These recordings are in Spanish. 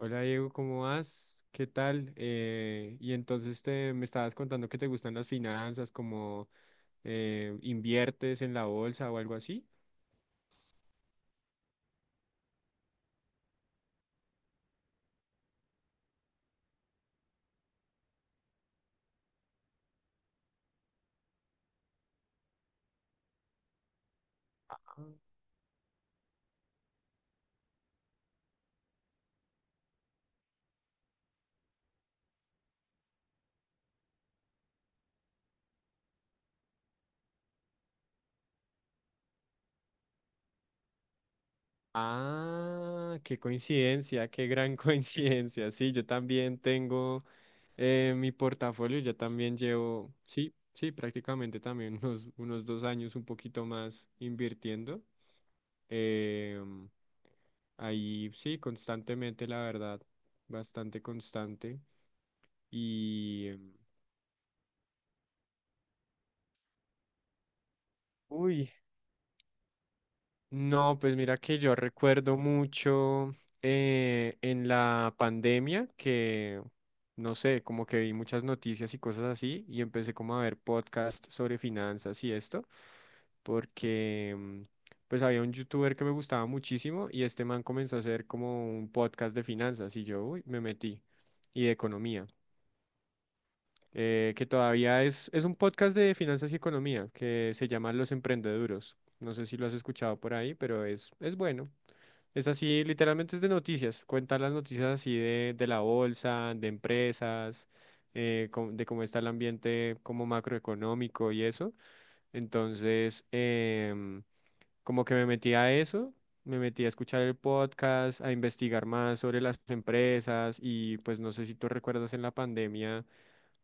Hola Diego, ¿cómo vas? ¿Qué tal? Y entonces me estabas contando que te gustan las finanzas, como inviertes en la bolsa o algo así. Ah, qué coincidencia, qué gran coincidencia. Sí, yo también tengo mi portafolio, yo también llevo, sí, sí, prácticamente también unos 2 años un poquito más invirtiendo. Em, Ahí sí, constantemente, la verdad, bastante constante. Y, Uy, no, pues mira que yo recuerdo mucho en la pandemia no sé, como que vi muchas noticias y cosas así y empecé como a ver podcasts sobre finanzas y esto, porque pues había un youtuber que me gustaba muchísimo y este man comenzó a hacer como un podcast de finanzas y yo, uy, me metí y de economía. Que todavía es un podcast de finanzas y economía que se llama Los Emprendeduros. No sé si lo has escuchado por ahí, pero es bueno. Es así, literalmente es de noticias. Cuenta las noticias así de la bolsa, de empresas, de cómo está el ambiente como macroeconómico y eso. Entonces, em, como que me metí a eso. Me metí a escuchar el podcast, a investigar más sobre las empresas y pues no sé si tú recuerdas en la pandemia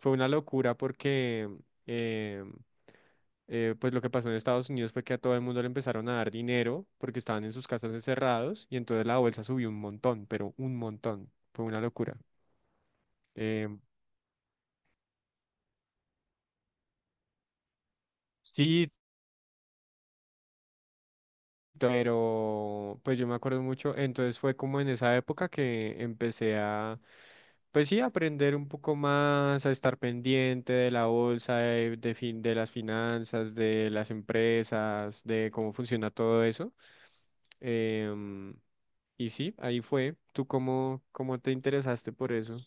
fue una locura porque eh, pues lo que pasó en Estados Unidos fue que a todo el mundo le empezaron a dar dinero porque estaban en sus casas encerrados y entonces la bolsa subió un montón, pero un montón. Fue una locura. Eh, sí, pero pues yo me acuerdo mucho, entonces fue como en esa época que pues sí, aprender un poco más, a estar pendiente de la bolsa, de las finanzas, de las empresas, de cómo funciona todo eso. Em, y sí, ahí fue. ¿Tú cómo, cómo te interesaste por eso?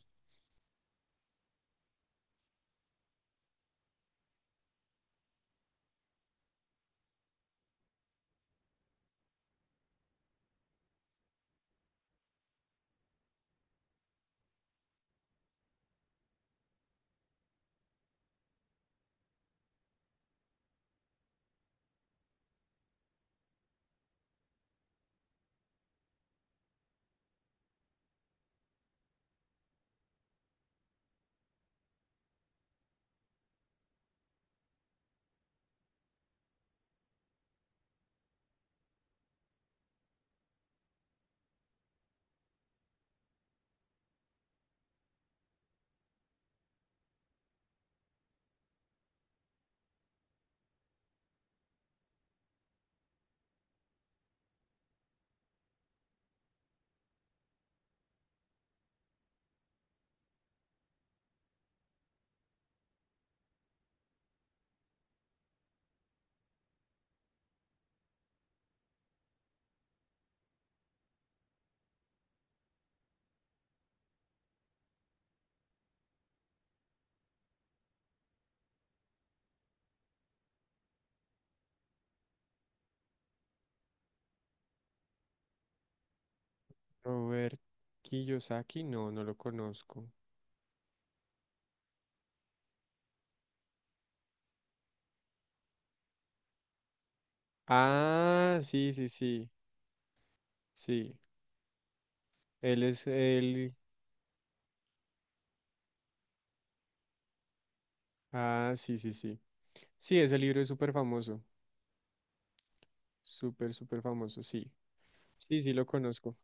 Robert Kiyosaki, no, no lo conozco. Ah, sí, sí, sí, sí. Él es el… Ah, sí, sí, sí. Sí, ese libro es súper famoso. Súper, súper famoso, sí. Sí, sí, lo conozco.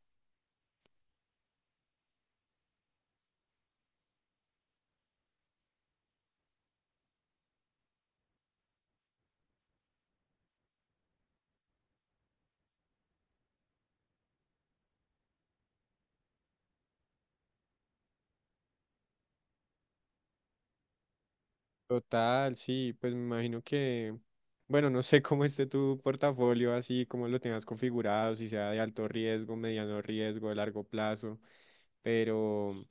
Total, sí, pues me imagino que, bueno, no sé cómo esté tu portafolio, así como lo tengas configurado, si sea de alto riesgo, mediano riesgo, de largo plazo, pero,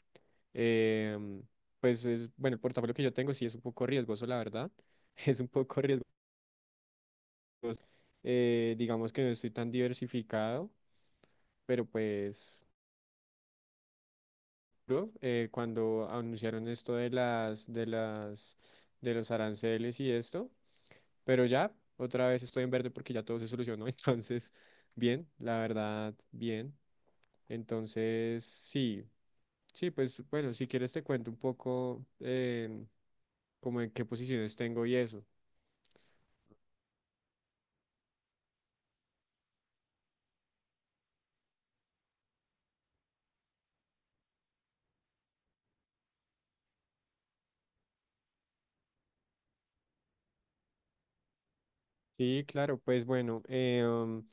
em, pues es, bueno, el portafolio que yo tengo sí es un poco riesgoso, la verdad, es un poco riesgoso. Digamos que no estoy tan diversificado, pero pues… ¿no? Eh, cuando anunciaron esto de los aranceles y esto, pero ya otra vez estoy en verde porque ya todo se solucionó, entonces, bien, la verdad, bien. Entonces, sí, sí, pues bueno, si quieres te cuento un poco como en qué posiciones tengo y eso. Sí, claro, pues bueno,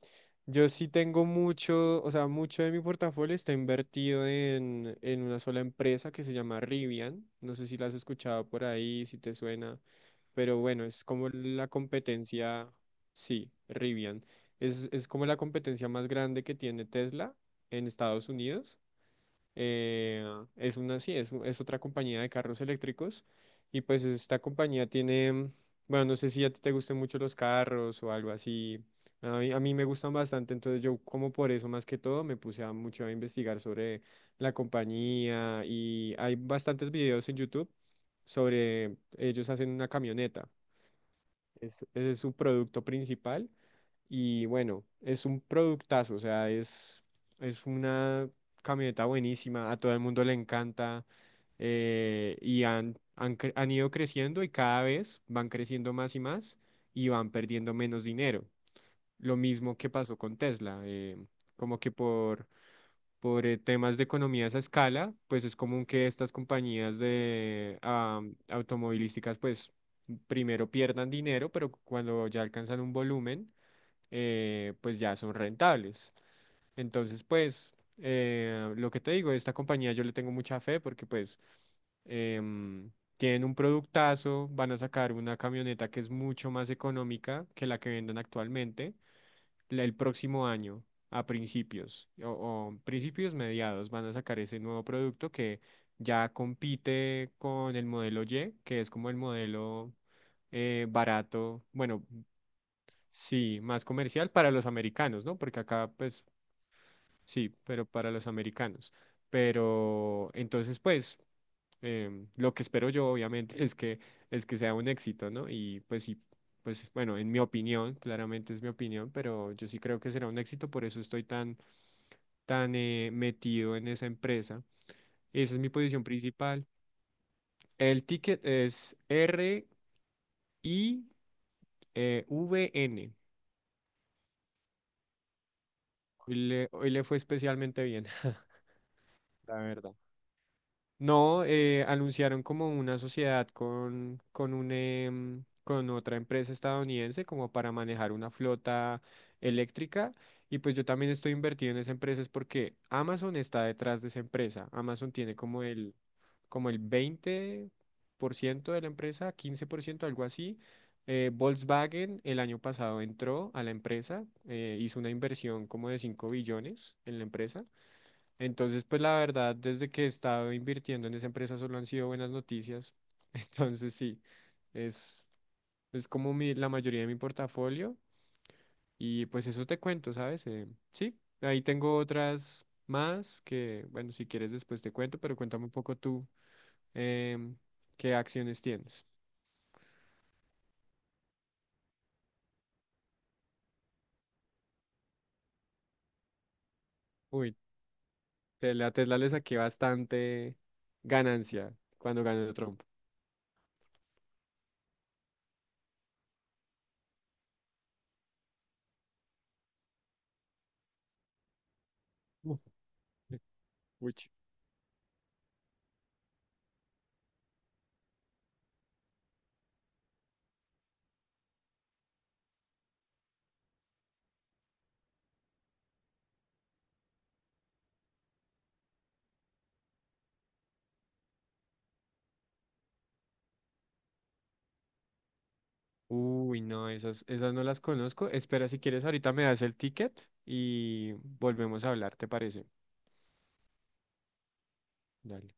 yo sí tengo mucho, o sea, mucho de mi portafolio está invertido en una sola empresa que se llama Rivian. No sé si la has escuchado por ahí, si te suena, pero bueno, es como la competencia, sí, Rivian. Es como la competencia más grande que tiene Tesla en Estados Unidos. eh, es una, sí, es otra compañía de carros eléctricos. Y pues esta compañía tiene, bueno, no sé si a ti te gusten mucho los carros o algo así. A mí me gustan bastante, entonces yo como por eso más que todo me puse a mucho a investigar sobre la compañía y hay bastantes videos en YouTube sobre ellos. Hacen una camioneta. Ese es su producto principal. Y bueno, es un productazo, o sea, es una camioneta buenísima, a todo el mundo le encanta. Han ido creciendo y cada vez van creciendo más y más y van perdiendo menos dinero. Lo mismo que pasó con Tesla, como que por temas de economías a escala, pues es común que estas compañías automovilísticas, pues primero pierdan dinero, pero cuando ya alcanzan un volumen, pues ya son rentables. Entonces, pues lo que te digo, esta compañía yo le tengo mucha fe porque pues em, tienen un productazo, van a sacar una camioneta que es mucho más económica que la que venden actualmente el próximo año, a principios o principios mediados, van a sacar ese nuevo producto que ya compite con el modelo Y, que es como el modelo barato, bueno, sí, más comercial para los americanos, ¿no? Porque acá, pues, sí, pero para los americanos. Pero entonces, pues lo que espero yo, obviamente, es que sea un éxito, ¿no? Y pues sí, pues bueno, en mi opinión, claramente es mi opinión, pero yo sí creo que será un éxito, por eso estoy tan, tan metido en esa empresa. Esa es mi posición principal. El ticket es R I E V N. Hoy le fue especialmente bien, la verdad. No, anunciaron como una sociedad con un, con otra empresa estadounidense como para manejar una flota eléctrica. Y pues yo también estoy invertido en esa empresa es porque Amazon está detrás de esa empresa. Amazon tiene como el 20% de la empresa, 15%, algo así. Volkswagen el año pasado entró a la empresa, hizo una inversión como de 5 billones en la empresa. Entonces, pues la verdad, desde que he estado invirtiendo en esa empresa solo han sido buenas noticias. Entonces, sí, es, es como mi, la mayoría de mi portafolio. Y pues eso te cuento, ¿sabes? Sí, ahí tengo otras más que, bueno, si quieres después te cuento, pero cuéntame un poco tú em, qué acciones tienes. Uy, la Tesla le saqué bastante ganancia cuando ganó Trump. Uf. Uy. Uy, no, esas, esas no las conozco. Espera, si quieres, ahorita me das el ticket y volvemos a hablar, ¿te parece? Dale.